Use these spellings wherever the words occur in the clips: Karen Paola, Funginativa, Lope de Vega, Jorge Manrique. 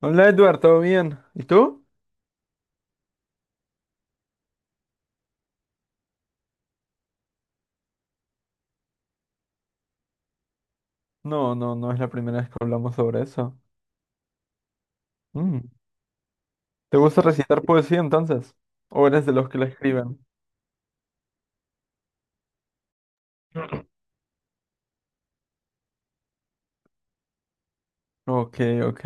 Hola Edward, ¿todo bien? ¿Y tú? No es la primera vez que hablamos sobre eso. Mm. ¿Te gusta recitar poesía entonces? ¿O eres de los que la escriben? Ok, ok.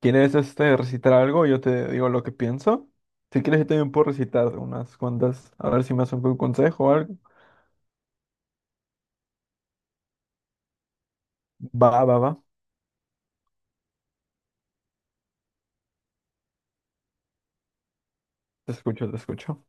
¿Quieres recitar algo? Yo te digo lo que pienso. Si quieres, yo también puedo recitar unas cuantas. A ver si me haces un consejo o algo. Va, va, va. Te escucho, te escucho.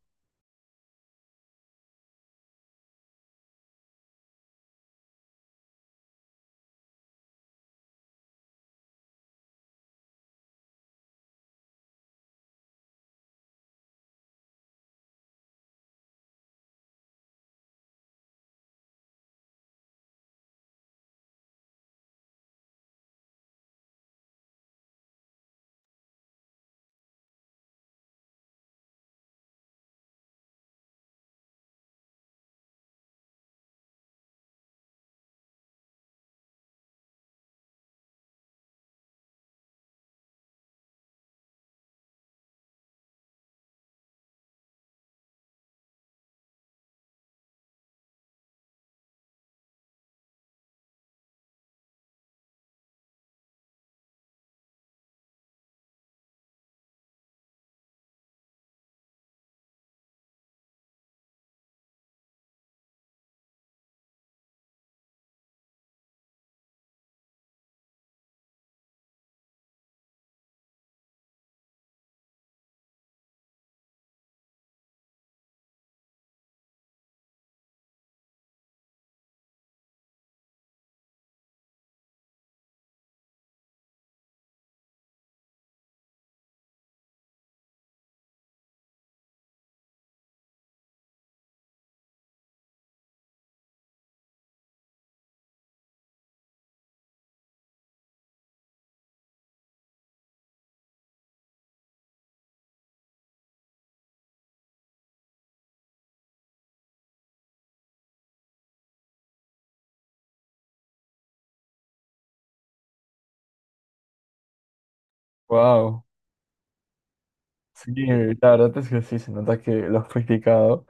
Wow. Sí, la verdad es que sí, se nota que lo has practicado.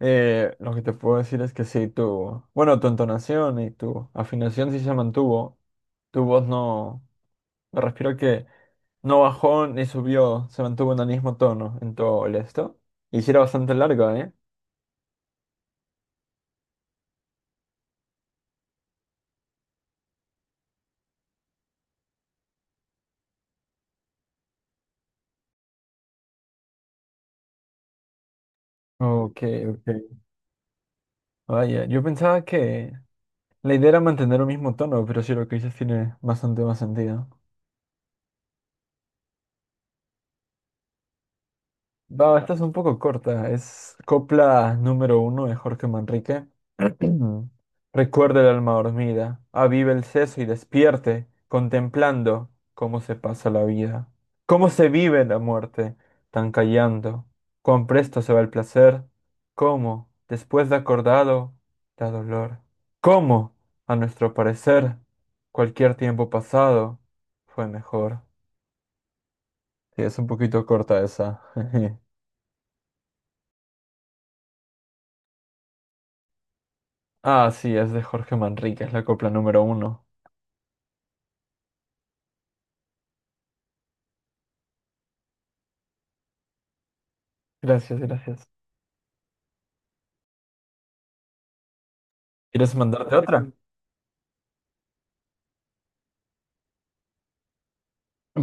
Lo que te puedo decir es que sí, bueno, tu entonación y tu afinación sí se mantuvo. Tu voz no, me refiero que no bajó ni subió, se mantuvo en el mismo tono en todo el esto. Y sí era bastante larga, ¿eh? Ok, ok. Vaya, yo pensaba que la idea era mantener un mismo tono, pero sí lo que dices tiene bastante más sentido. Va, esta es un poco corta. Es copla número uno de Jorge Manrique. Recuerda el alma dormida, avive el seso y despierte, contemplando cómo se pasa la vida, cómo se vive la muerte, tan callando, cuán presto se va el placer, cómo, después de acordado, da dolor, cómo, a nuestro parecer, cualquier tiempo pasado fue mejor. Sí, es un poquito corta esa. Ah, sí, es de Jorge Manrique, es la copla número uno. Gracias, gracias. ¿Quieres mandarte otra?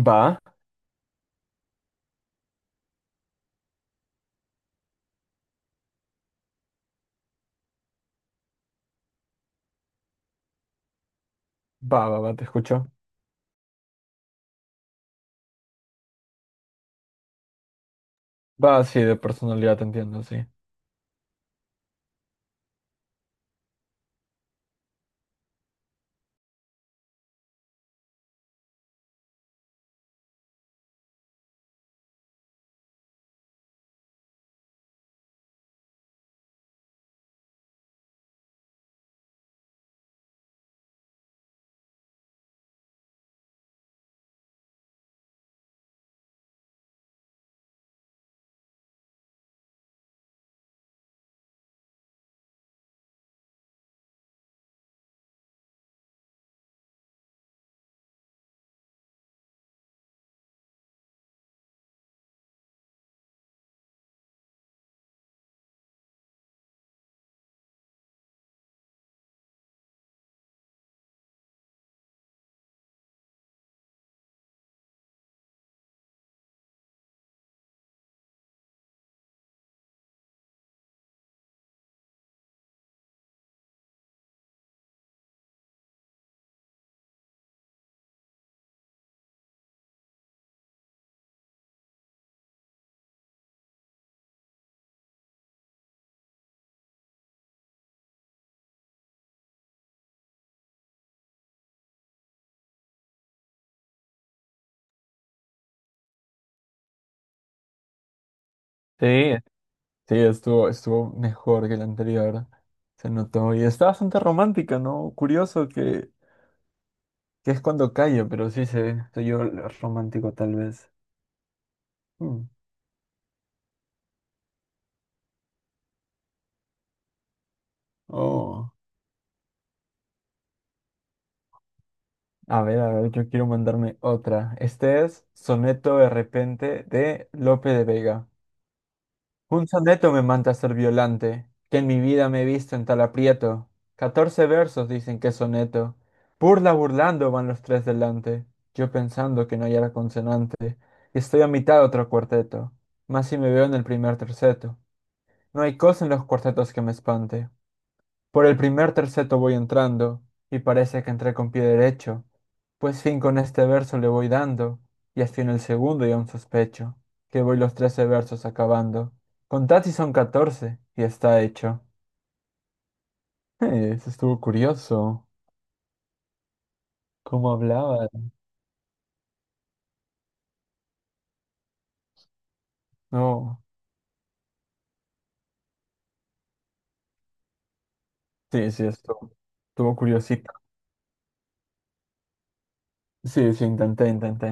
Va, Va, te escucho. Va, sí, de personalidad te entiendo, sí. Sí, sí, estuvo mejor que la anterior. Se notó. Y está bastante romántica, ¿no? Curioso que es cuando calla, pero sí se yo romántico tal vez. Mm. Oh. A ver, yo quiero mandarme otra. Este es Soneto de repente de Lope de Vega. Un soneto me manda a ser violante, que en mi vida me he visto en tal aprieto. Catorce versos dicen que es soneto. Burla burlando van los tres delante. Yo pensando que no hallara consonante, y estoy a mitad de otro cuarteto. Más si me veo en el primer terceto. No hay cosa en los cuartetos que me espante. Por el primer terceto voy entrando, y parece que entré con pie derecho, pues fin con este verso le voy dando, y así en el segundo y aún sospecho, que voy los trece versos acabando. Contad si son catorce, y está hecho. Eso estuvo curioso. ¿Cómo hablaba? No. Sí, sí, estuvo curiosito. Sí, sí, intenté.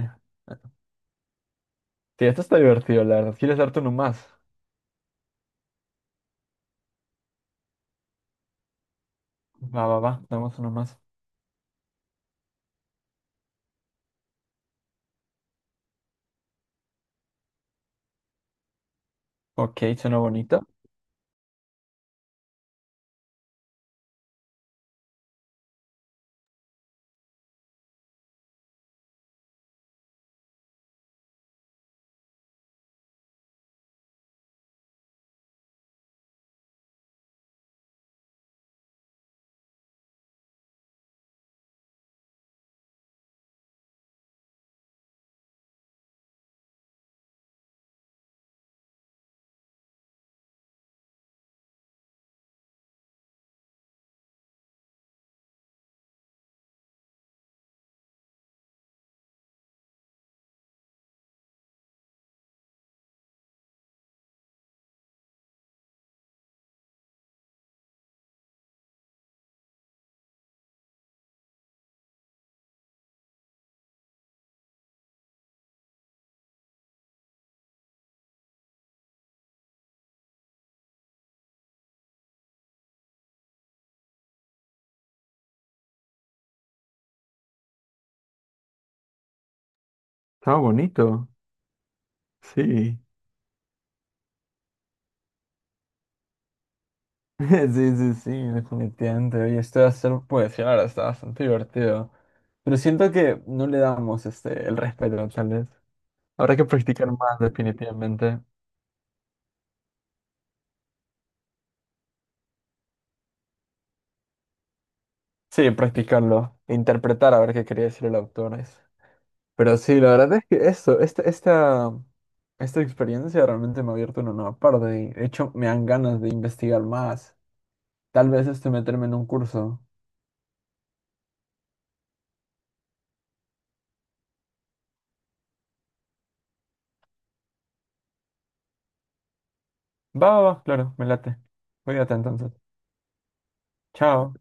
Sí, esto está divertido, la verdad. ¿Quieres darte uno más? Va, va, va, damos uno más. Ok, suena bonito. Estaba bonito. Sí. Sí, sí, sí, definitivamente. Oye, esto de hacer poesía, la verdad, está bastante divertido. Pero siento que no le damos el respeto, tal vez. Habrá que practicar más, definitivamente. Sí, practicarlo. Interpretar a ver qué quería decir el autor. Pero sí, la verdad es que esta experiencia realmente me ha abierto una nueva parte. Y, de hecho, me dan ganas de investigar más. Tal vez meterme en un curso. Va, va, va, claro, me late. Cuídate entonces. Chao.